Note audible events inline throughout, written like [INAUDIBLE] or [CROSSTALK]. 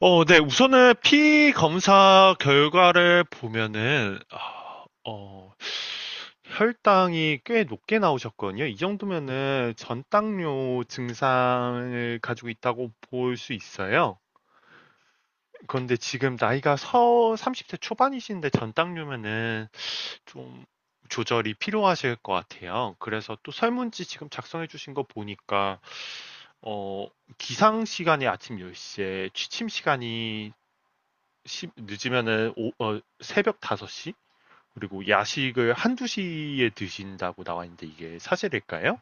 네. 우선은 피 검사 결과를 보면은, 혈당이 꽤 높게 나오셨거든요. 이 정도면은 전당뇨 증상을 가지고 있다고 볼 수 있어요. 그런데 지금 나이가 서 30대 초반이신데 전당뇨면은 좀 조절이 필요하실 것 같아요. 그래서 또 설문지 지금 작성해 주신 거 보니까 어, 기상 시간이 아침 10시에 취침 시간이 늦으면은 새벽 5시? 그리고 야식을 한두 시에 드신다고 나와 있는데 이게 사실일까요?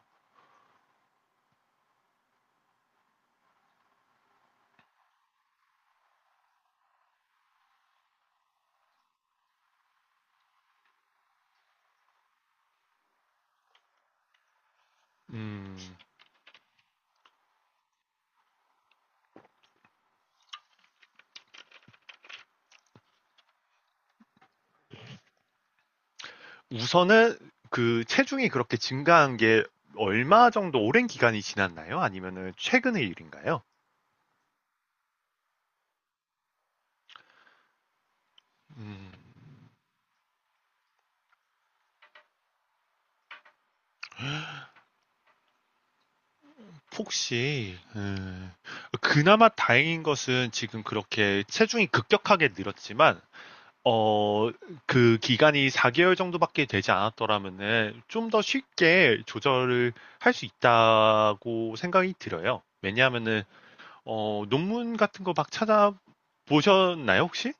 음, 우선은 그 체중이 그렇게 증가한 게 얼마 정도 오랜 기간이 지났나요? 아니면은 최근의 일인가요? 음, 혹시 그나마 다행인 것은 지금 그렇게 체중이 급격하게 늘었지만 어, 그 기간이 4개월 정도밖에 되지 않았더라면은 좀 더 쉽게 조절을 할 수 있다고 생각이 들어요. 왜냐하면은, 논문 같은 거 막 찾아보셨나요, 혹시?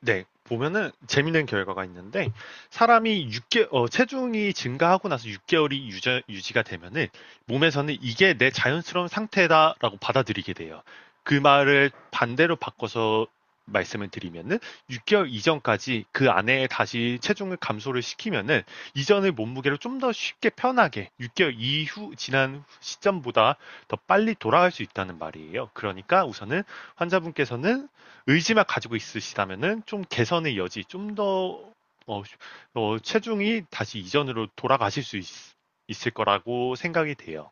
네, 보면은 재밌는 결과가 있는데 사람이 체중이 증가하고 나서 6개월이 유지가 되면은 몸에서는 이게 내 자연스러운 상태다라고 받아들이게 돼요. 그 말을 반대로 바꿔서 말씀을 드리면은 6개월 이전까지 그 안에 다시 체중을 감소를 시키면은 이전의 몸무게를 좀 더 쉽게 편하게 6개월 이후 지난 시점보다 더 빨리 돌아갈 수 있다는 말이에요. 그러니까 우선은 환자분께서는 의지만 가지고 있으시다면은 좀 개선의 여지, 좀 더 어, 체중이 다시 이전으로 돌아가실 수 있을 거라고 생각이 돼요.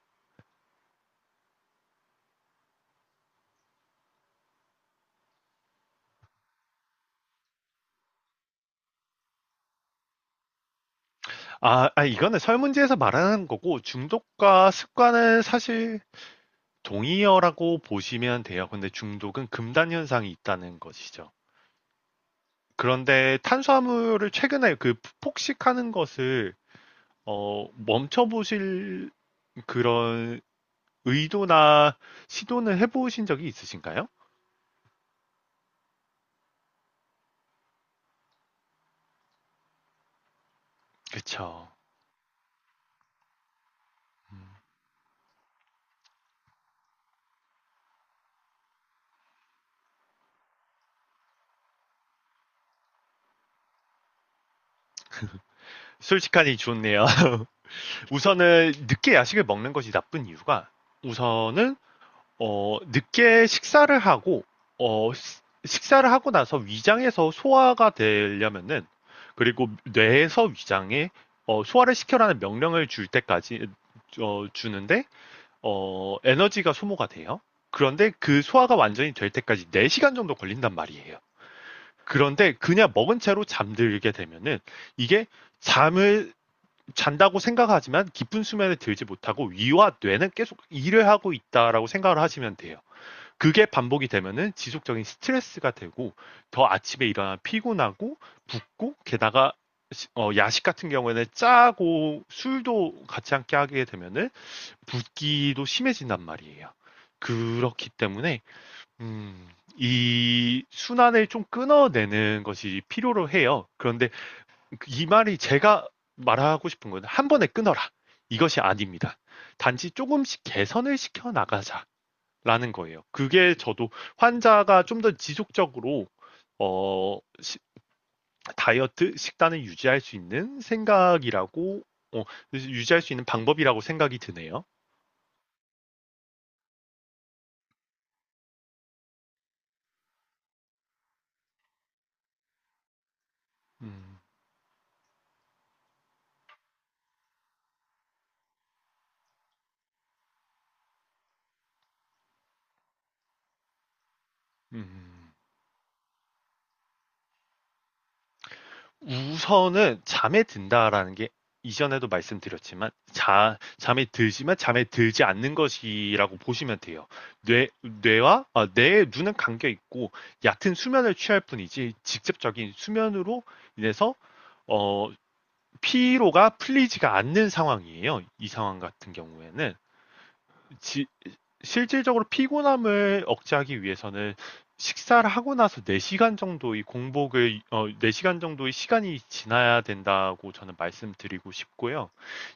이거는 설문지에서 말하는 거고 중독과 습관은 사실 동의어라고 보시면 돼요. 근데 중독은 금단 현상이 있다는 것이죠. 그런데 탄수화물을 최근에 그 폭식하는 것을 멈춰보실 그런 의도나 시도는 해보신 적이 있으신가요? 그쵸. 솔직하니 좋네요. [LAUGHS] 우선은 늦게 야식을 먹는 것이 나쁜 이유가 우선은 늦게 식사를 하고 식사를 하고 나서 위장에서 소화가 되려면은 그리고 뇌에서 위장에 소화를 시켜라는 명령을 줄 때까지 주는데 에너지가 소모가 돼요. 그런데 그 소화가 완전히 될 때까지 4시간 정도 걸린단 말이에요. 그런데 그냥 먹은 채로 잠들게 되면은 이게 잠을 잔다고 생각하지만 깊은 수면에 들지 못하고 위와 뇌는 계속 일을 하고 있다라고 생각을 하시면 돼요. 그게 반복이 되면은 지속적인 스트레스가 되고 더 아침에 일어나 피곤하고 붓고 게다가 야식 같은 경우에는 짜고 술도 같이 함께 하게 되면은 붓기도 심해진단 말이에요. 그렇기 때문에 음, 이 순환을 좀 끊어내는 것이 필요로 해요. 그런데 이 말이 제가 말하고 싶은 건 한 번에 끊어라. 이것이 아닙니다. 단지 조금씩 개선을 시켜 나가자라는 거예요. 그게 저도 환자가 좀 더 지속적으로 어, 시- 다이어트 식단을 유지할 수 있는 생각이라고 어, 유지할 수 있는 방법이라고 생각이 드네요. 음, 음. 음. 우선은 잠에 든다라는 게 이전에도 말씀드렸지만 잠에 들지만 잠에 들지 않는 것이라고 보시면 돼요. 뇌와 뇌의 눈은 감겨 있고 얕은 수면을 취할 뿐이지 직접적인 수면으로 인해서 어, 피로가 풀리지가 않는 상황이에요. 이 상황 같은 경우에는 실질적으로 피곤함을 억제하기 위해서는 식사를 하고 나서 4시간 정도의 공복을, 4시간 정도의 시간이 지나야 된다고 저는 말씀드리고 싶고요.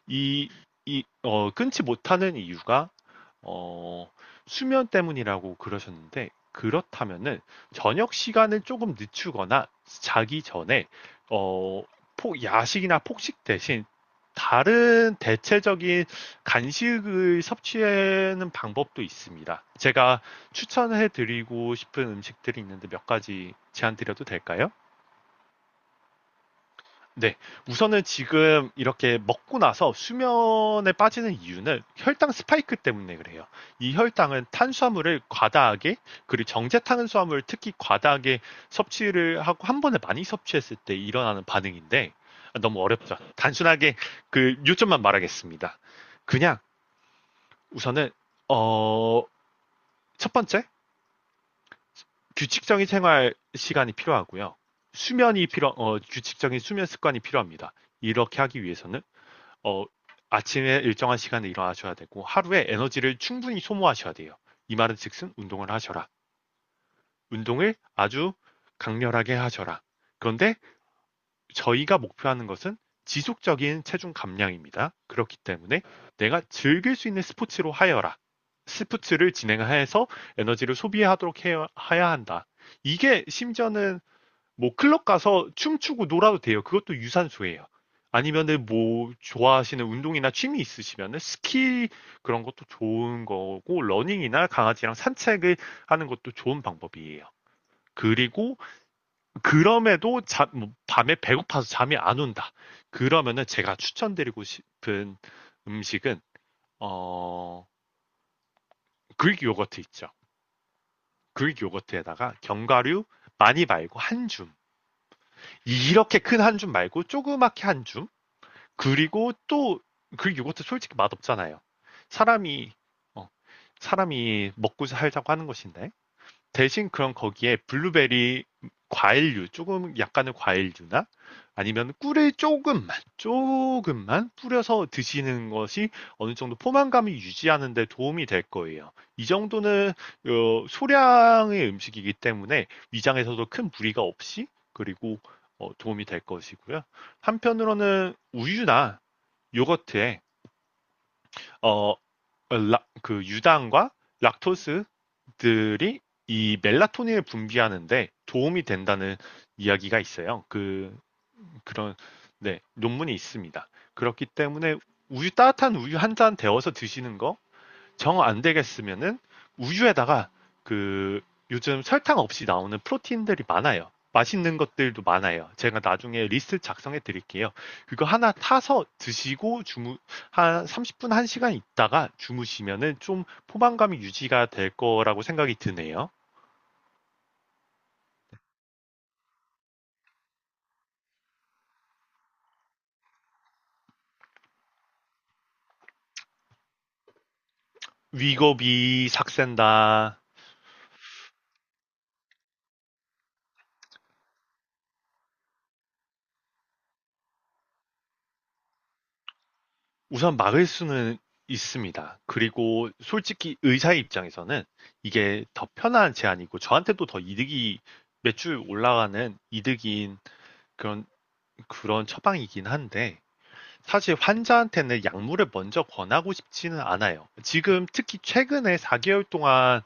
이, 끊지 못하는 이유가 어, 수면 때문이라고 그러셨는데, 그렇다면은 저녁 시간을 조금 늦추거나 자기 전에 어, 야식이나 폭식 대신 다른 대체적인 간식을 섭취하는 방법도 있습니다. 제가 추천해 드리고 싶은 음식들이 있는데 몇 가지 제안 드려도 될까요? 네. 우선은 지금 이렇게 먹고 나서 수면에 빠지는 이유는 혈당 스파이크 때문에 그래요. 이 혈당은 탄수화물을 과다하게, 그리고 정제 탄수화물 특히 과다하게 섭취를 하고 한 번에 많이 섭취했을 때 일어나는 반응인데, 아, 너무 어렵죠. 단순하게 그 요점만 말하겠습니다. 그냥 우선은, 어, 첫 번째, 규칙적인 생활 시간이 필요하고요. 규칙적인 수면 습관이 필요합니다. 이렇게 하기 위해서는 어, 아침에 일정한 시간에 일어나셔야 되고 하루에 에너지를 충분히 소모하셔야 돼요. 이 말은 즉슨 운동을 하셔라. 운동을 아주 강렬하게 하셔라. 그런데 저희가 목표하는 것은 지속적인 체중 감량입니다. 그렇기 때문에 내가 즐길 수 있는 스포츠로 하여라. 스포츠를 진행해서 에너지를 소비하도록 해야 한다. 이게 심지어는 뭐 클럽 가서 춤추고 놀아도 돼요. 그것도 유산소예요. 아니면은 뭐 좋아하시는 운동이나 취미 있으시면은 스키 그런 것도 좋은 거고 러닝이나 강아지랑 산책을 하는 것도 좋은 방법이에요. 그리고 그럼에도 자, 뭐 밤에 배고파서 잠이 안 온다. 그러면은 제가 추천드리고 싶은 음식은 어 그릭 요거트 있죠. 그릭 요거트에다가 견과류 많이 말고 한 줌. 이렇게 큰 한줌 말고 조그맣게 한 줌. 그리고 또 그 요거트 솔직히 맛없잖아요. 사람이 어, 사람이 먹고 살자고 하는 것인데 대신 그럼 거기에 블루베리 과일류 조금 약간의 과일류나 아니면 꿀을 조금만 조금만 뿌려서 드시는 것이 어느 정도 포만감이 유지하는 데 도움이 될 거예요. 이 정도는 소량의 음식이기 때문에 위장에서도 큰 무리가 없이 그리고 도움이 될 것이고요. 한편으로는 우유나 요거트에 어, 그 유당과 락토스들이 이 멜라토닌을 분비하는데 도움이 된다는 이야기가 있어요. 그런 네, 논문이 있습니다. 그렇기 때문에 우유 따뜻한 우유 한 잔 데워서 드시는 거 정 안 되겠으면은 우유에다가 그 요즘 설탕 없이 나오는 프로틴들이 많아요. 맛있는 것들도 많아요. 제가 나중에 리스트 작성해 드릴게요. 그거 하나 타서 드시고 주무 한 30분 1시간 있다가 주무시면은 좀 포만감이 유지가 될 거라고 생각이 드네요. 위거비 삭센다. 우선 막을 수는 있습니다. 그리고 솔직히 의사의 입장에서는 이게 더 편한 제안이고 저한테도 더 이득이 매출 올라가는 이득인 그런 그런 처방이긴 한데 사실 환자한테는 약물을 먼저 권하고 싶지는 않아요. 지금 특히 최근에 4개월 동안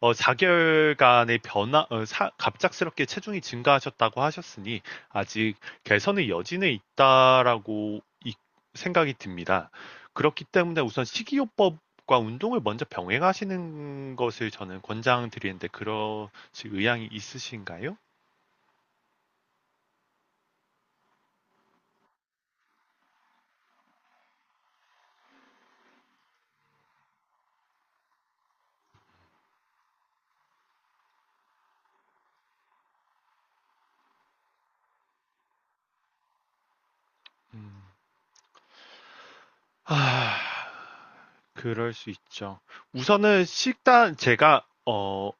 4개월간의 변화, 갑작스럽게 체중이 증가하셨다고 하셨으니 아직 개선의 여지는 있다라고 생각이 듭니다. 그렇기 때문에 우선 식이요법과 운동을 먼저 병행하시는 것을 저는 권장드리는데 그러실 의향이 있으신가요? 음. 아, 그럴 수 있죠. 우선은 식단 제가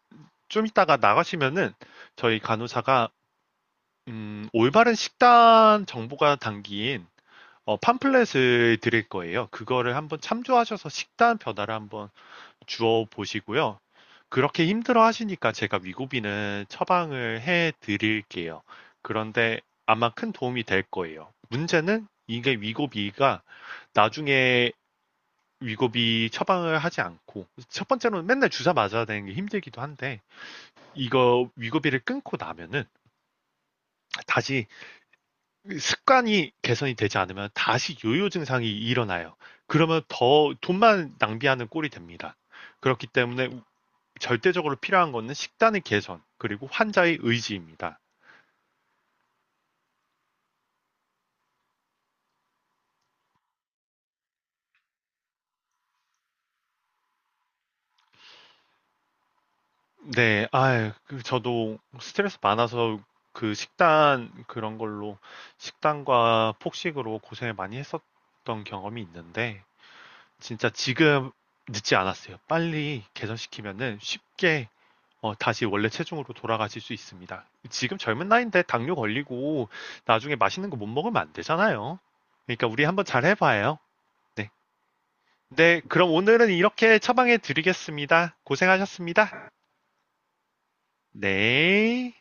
좀 이따가 나가시면은 저희 간호사가 올바른 식단 정보가 담긴 팜플렛을 드릴 거예요. 그거를 한번 참조하셔서 식단 변화를 한번 주어 보시고요. 그렇게 힘들어 하시니까 제가 위고비는 처방을 해 드릴게요. 그런데 아마 큰 도움이 될 거예요. 문제는 이게 위고비가 나중에 위고비 처방을 하지 않고 첫 번째로는 맨날 주사 맞아야 되는 게 힘들기도 한데 이거 위고비를 끊고 나면은 다시 그 습관이 개선이 되지 않으면 다시 요요 증상이 일어나요. 그러면 더 돈만 낭비하는 꼴이 됩니다. 그렇기 때문에 절대적으로 필요한 것은 식단의 개선, 그리고 환자의 의지입니다. 네, 아 저도 스트레스 많아서 그 식단 그런 걸로 식단과 폭식으로 고생을 많이 했었던 경험이 있는데 진짜 지금 늦지 않았어요. 빨리 개선시키면은 쉽게 다시 원래 체중으로 돌아가실 수 있습니다. 지금 젊은 나이인데 당뇨 걸리고 나중에 맛있는 거 못 먹으면 안 되잖아요. 그러니까 우리 한번 잘 해봐요. 네. 네, 그럼 오늘은 이렇게 처방해 드리겠습니다. 고생하셨습니다. 네.